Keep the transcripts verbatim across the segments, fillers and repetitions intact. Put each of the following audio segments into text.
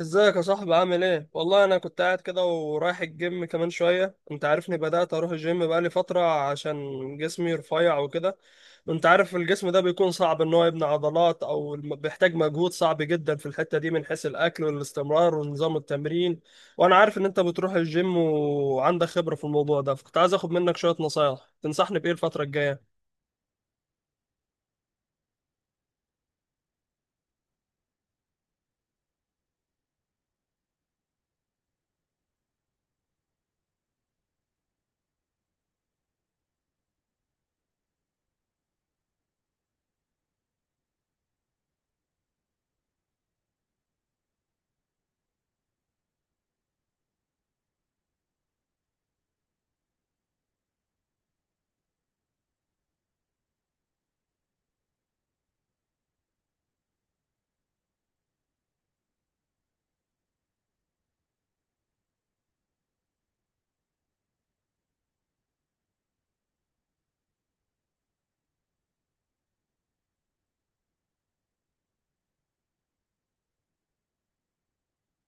ازيك يا صاحبي، عامل ايه؟ والله انا كنت قاعد كده ورايح الجيم كمان شوية. انت عارفني، بدأت اروح الجيم بقالي فترة عشان جسمي رفيع وكده. وانت عارف الجسم ده بيكون صعب ان هو يبني عضلات، او الم- بيحتاج مجهود صعب جدا في الحتة دي من حيث الاكل والاستمرار ونظام التمرين. وانا عارف ان انت بتروح الجيم وعندك خبرة في الموضوع ده، فكنت عايز اخد منك شوية نصايح. تنصحني بايه الفترة الجاية؟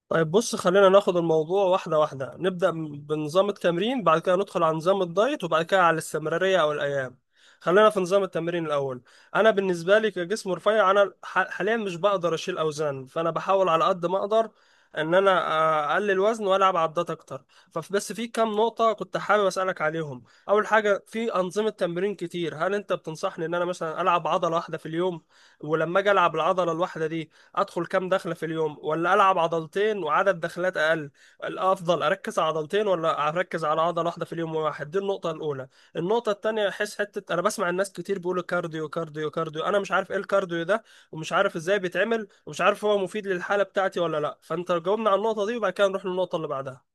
طيب بص، خلينا ناخد الموضوع واحدة واحدة. نبدأ م- بنظام التمرين، بعد كده ندخل على نظام الدايت، وبعد كده على الاستمرارية أو الأيام. خلينا في نظام التمرين الأول. أنا بالنسبة لي كجسم رفيع، أنا ح- حاليا مش بقدر أشيل أوزان، فأنا بحاول على قد ما أقدر إن أنا آه، أقلل وزن وألعب عدات أكتر. فبس في كام نقطة كنت حابب أسألك عليهم. أول حاجة، في أنظمة تمرين كتير، هل أنت بتنصحني إن أنا مثلا ألعب عضلة واحدة في اليوم؟ ولما أجي ألعب العضلة الواحدة دي، ادخل كام دخله في اليوم، ولا العب عضلتين وعدد دخلات اقل؟ الافضل اركز على عضلتين، ولا اركز على عضله واحده في اليوم واحد؟ دي النقطه الاولى. النقطه الثانيه، احس حته انا بسمع الناس كتير بيقولوا كارديو كارديو كارديو. انا مش عارف ايه الكارديو ده، ومش عارف ازاي بيتعمل، ومش عارف هو مفيد للحاله بتاعتي ولا لا. فانت جاوبنا على النقطه دي وبعد كده نروح للنقطه اللي بعدها.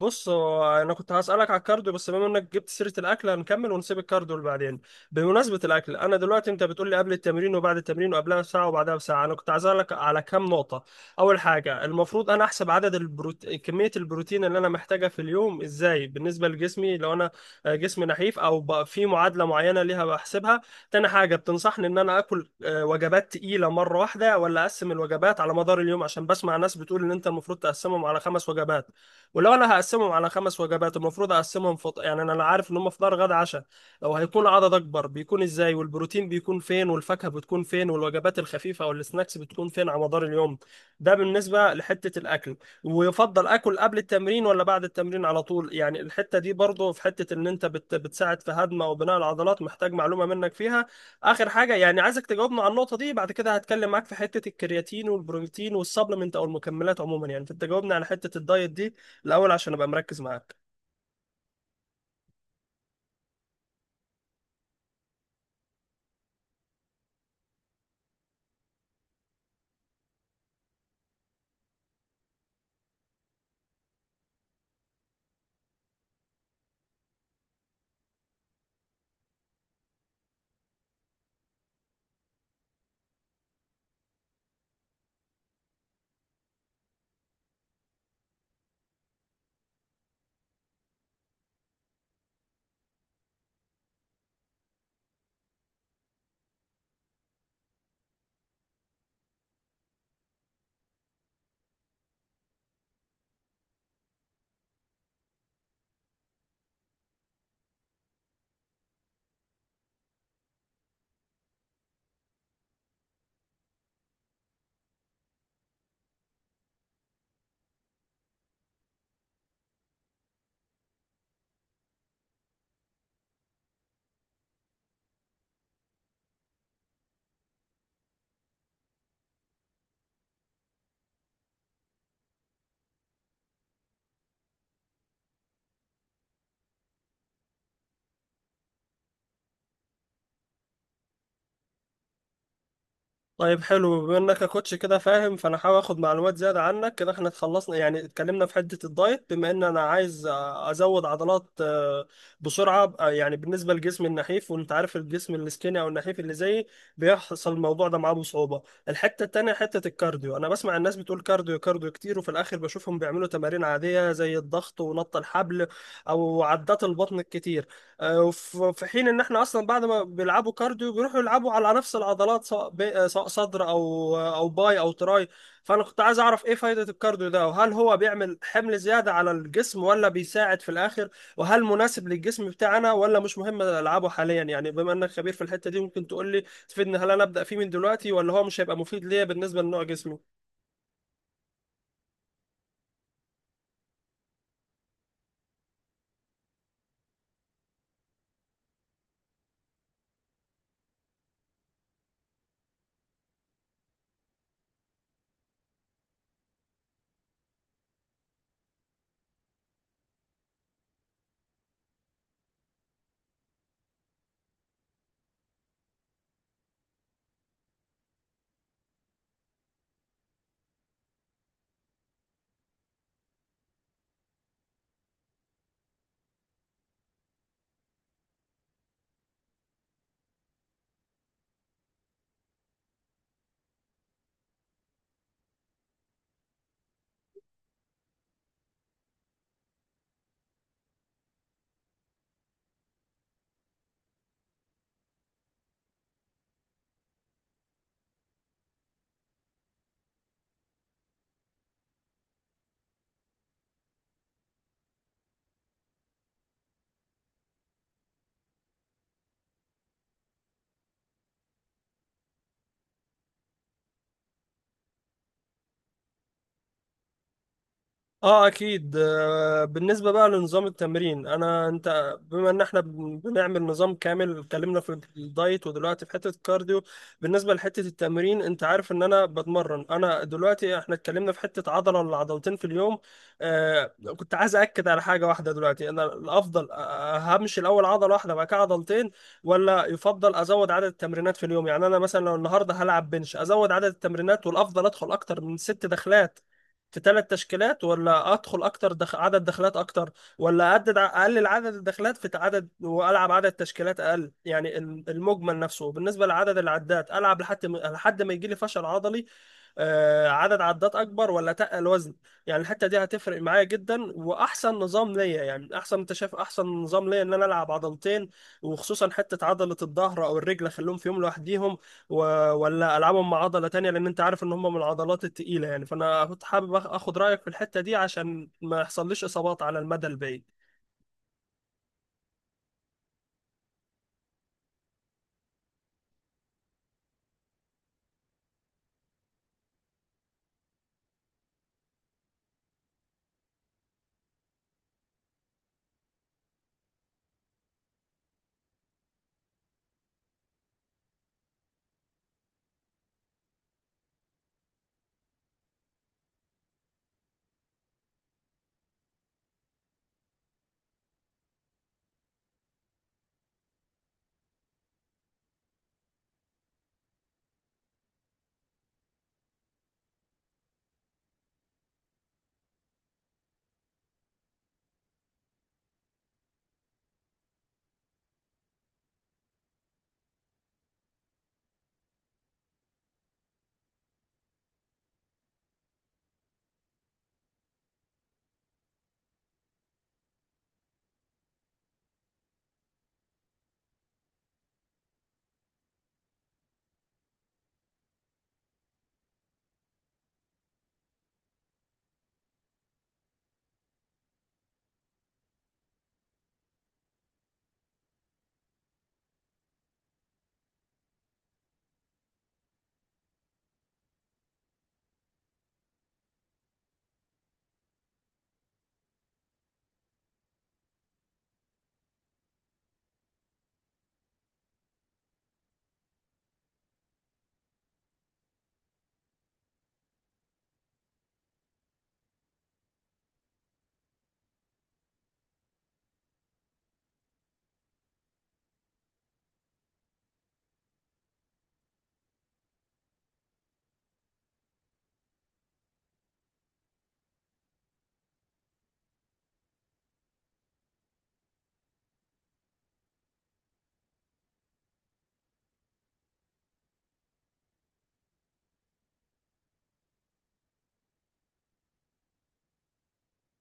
بص هو انا كنت هسألك على الكارديو، بس بما انك جبت سيرة الاكل هنكمل ونسيب الكارديو لبعدين. بمناسبة الاكل، انا دلوقتي انت بتقول لي قبل التمرين وبعد التمرين، وقبلها بساعة وبعدها بساعة. انا كنت هسألك على كام نقطة. اول حاجة، المفروض انا احسب عدد البروت... كمية البروتين اللي انا محتاجها في اليوم ازاي بالنسبة لجسمي، لو انا آه، جسمي نحيف او بقى، في معادلة معينة ليها بحسبها؟ تاني حاجة، بتنصحني ان انا اكل آه، وجبات تقيلة مرة واحدة، ولا اقسم الوجبات على مدار اليوم؟ عشان بسمع ناس بتقول ان انت المفروض تقسمهم على خمس وجبات. ولو انا هقسمهم على خمس وجبات، المفروض اقسمهم فط... يعني انا عارف ان هم فطار غدا عشاء. لو هيكون عدد اكبر، بيكون ازاي؟ والبروتين بيكون فين، والفاكهه بتكون فين، والوجبات الخفيفه او السناكس بتكون فين على مدار اليوم؟ ده بالنسبه لحته الاكل. ويفضل اكل قبل التمرين ولا بعد التمرين على طول؟ يعني الحته دي برضو في حته ان انت بت... بتساعد في هضم او بناء العضلات. محتاج معلومه منك فيها. اخر حاجه، يعني عايزك تجاوبنا على النقطه دي، بعد كده هتكلم معاك في حته الكرياتين والبروتين والسبلمنت او المكملات عموما. يعني فانت جاوبنا على حته الدايت دي الاول عشان ابقى مركز معاك. طيب حلو، بما انك يا كوتش كده فاهم، فانا هحاول اخد معلومات زياده عنك كده. احنا اتخلصنا يعني اتكلمنا في حته الدايت، بما ان انا عايز ازود عضلات آه، بسرعه. آه، يعني بالنسبه لجسمي النحيف، وانت عارف الجسم السكيني او النحيف اللي زيي بيحصل الموضوع ده معاه بصعوبه. الحته التانيه، حته الكارديو. انا بسمع الناس بتقول كارديو كارديو كتير، وفي الاخر بشوفهم بيعملوا تمارين عاديه زي الضغط ونط الحبل او عدات البطن الكتير. آه، وف- وفي حين ان احنا اصلا بعد ما بيلعبوا كارديو بيروحوا يلعبوا على نفس العضلات، سواء ب- آه، سواء صدر او او باي او تراي. فانا كنت عايز اعرف ايه فايدة الكارديو ده، وهل هو بيعمل حمل زيادة على الجسم ولا بيساعد في الاخر؟ وهل مناسب للجسم بتاعنا ولا مش مهم العبه حاليا؟ يعني بما انك خبير في الحتة دي، ممكن تقول لي تفيدني، هل انا ابدا فيه من دلوقتي ولا هو مش هيبقى مفيد ليا بالنسبة لنوع جسمي؟ اه اكيد. آه، بالنسبه بقى لنظام التمرين، انا انت بما ان احنا بن- بنعمل نظام كامل اتكلمنا في الدايت ودلوقتي في حته الكارديو. بالنسبه لحته التمرين، انت عارف ان انا بتمرن. انا دلوقتي احنا اتكلمنا في حته عضله ولا عضلتين في اليوم. آه. كنت عايز اكد على حاجه واحده دلوقتي. انا الافضل آه، همشي الاول عضله واحده بعد كده عضلتين، ولا يفضل ازود عدد التمرينات في اليوم؟ يعني انا مثلا لو النهارده هلعب بنش، ازود عدد التمرينات والافضل ادخل اكتر من ست دخلات في ثلاث تشكيلات، ولا ادخل اكتر دخ... عدد دخلات اكتر؟ ولا اعدد اقلل عدد الدخلات في عدد والعب عدد تشكيلات اقل؟ يعني الم- المجمل نفسه بالنسبه لعدد العدات. العب لحد ما- لحد ما يجي لي فشل عضلي، آه، عدد عدات اكبر ولا تقل الوزن؟ يعني الحته دي هتفرق معايا جدا، واحسن نظام ليا، يعني احسن انت شايف احسن نظام ليا ان انا العب عضلتين، وخصوصا حته عضله الظهر او الرجل اخليهم في يوم لوحديهم و... ولا العبهم مع عضله تانية، لان انت عارف ان هم من العضلات التقيله. يعني فانا كنت حابب آخ- اخد رايك في الحته دي عشان ما يحصليش اصابات على المدى البعيد.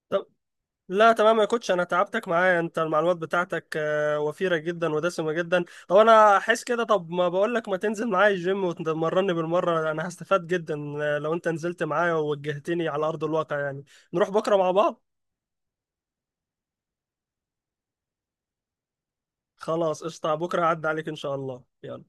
طب لا، تمام يا كوتش. انا تعبتك معايا. انت المعلومات بتاعتك آه، وفيرة جدا ودسمة جدا. طب انا احس كده، طب ما بقول لك ما تنزل معايا الجيم وتمرني بالمرة؟ انا هستفاد جدا آه، لو انت نزلت معايا ووجهتني على ارض الواقع يعني. نروح بكرة مع بعض؟ خلاص قشطة، بكرة عدى عليك ان شاء الله. يلا.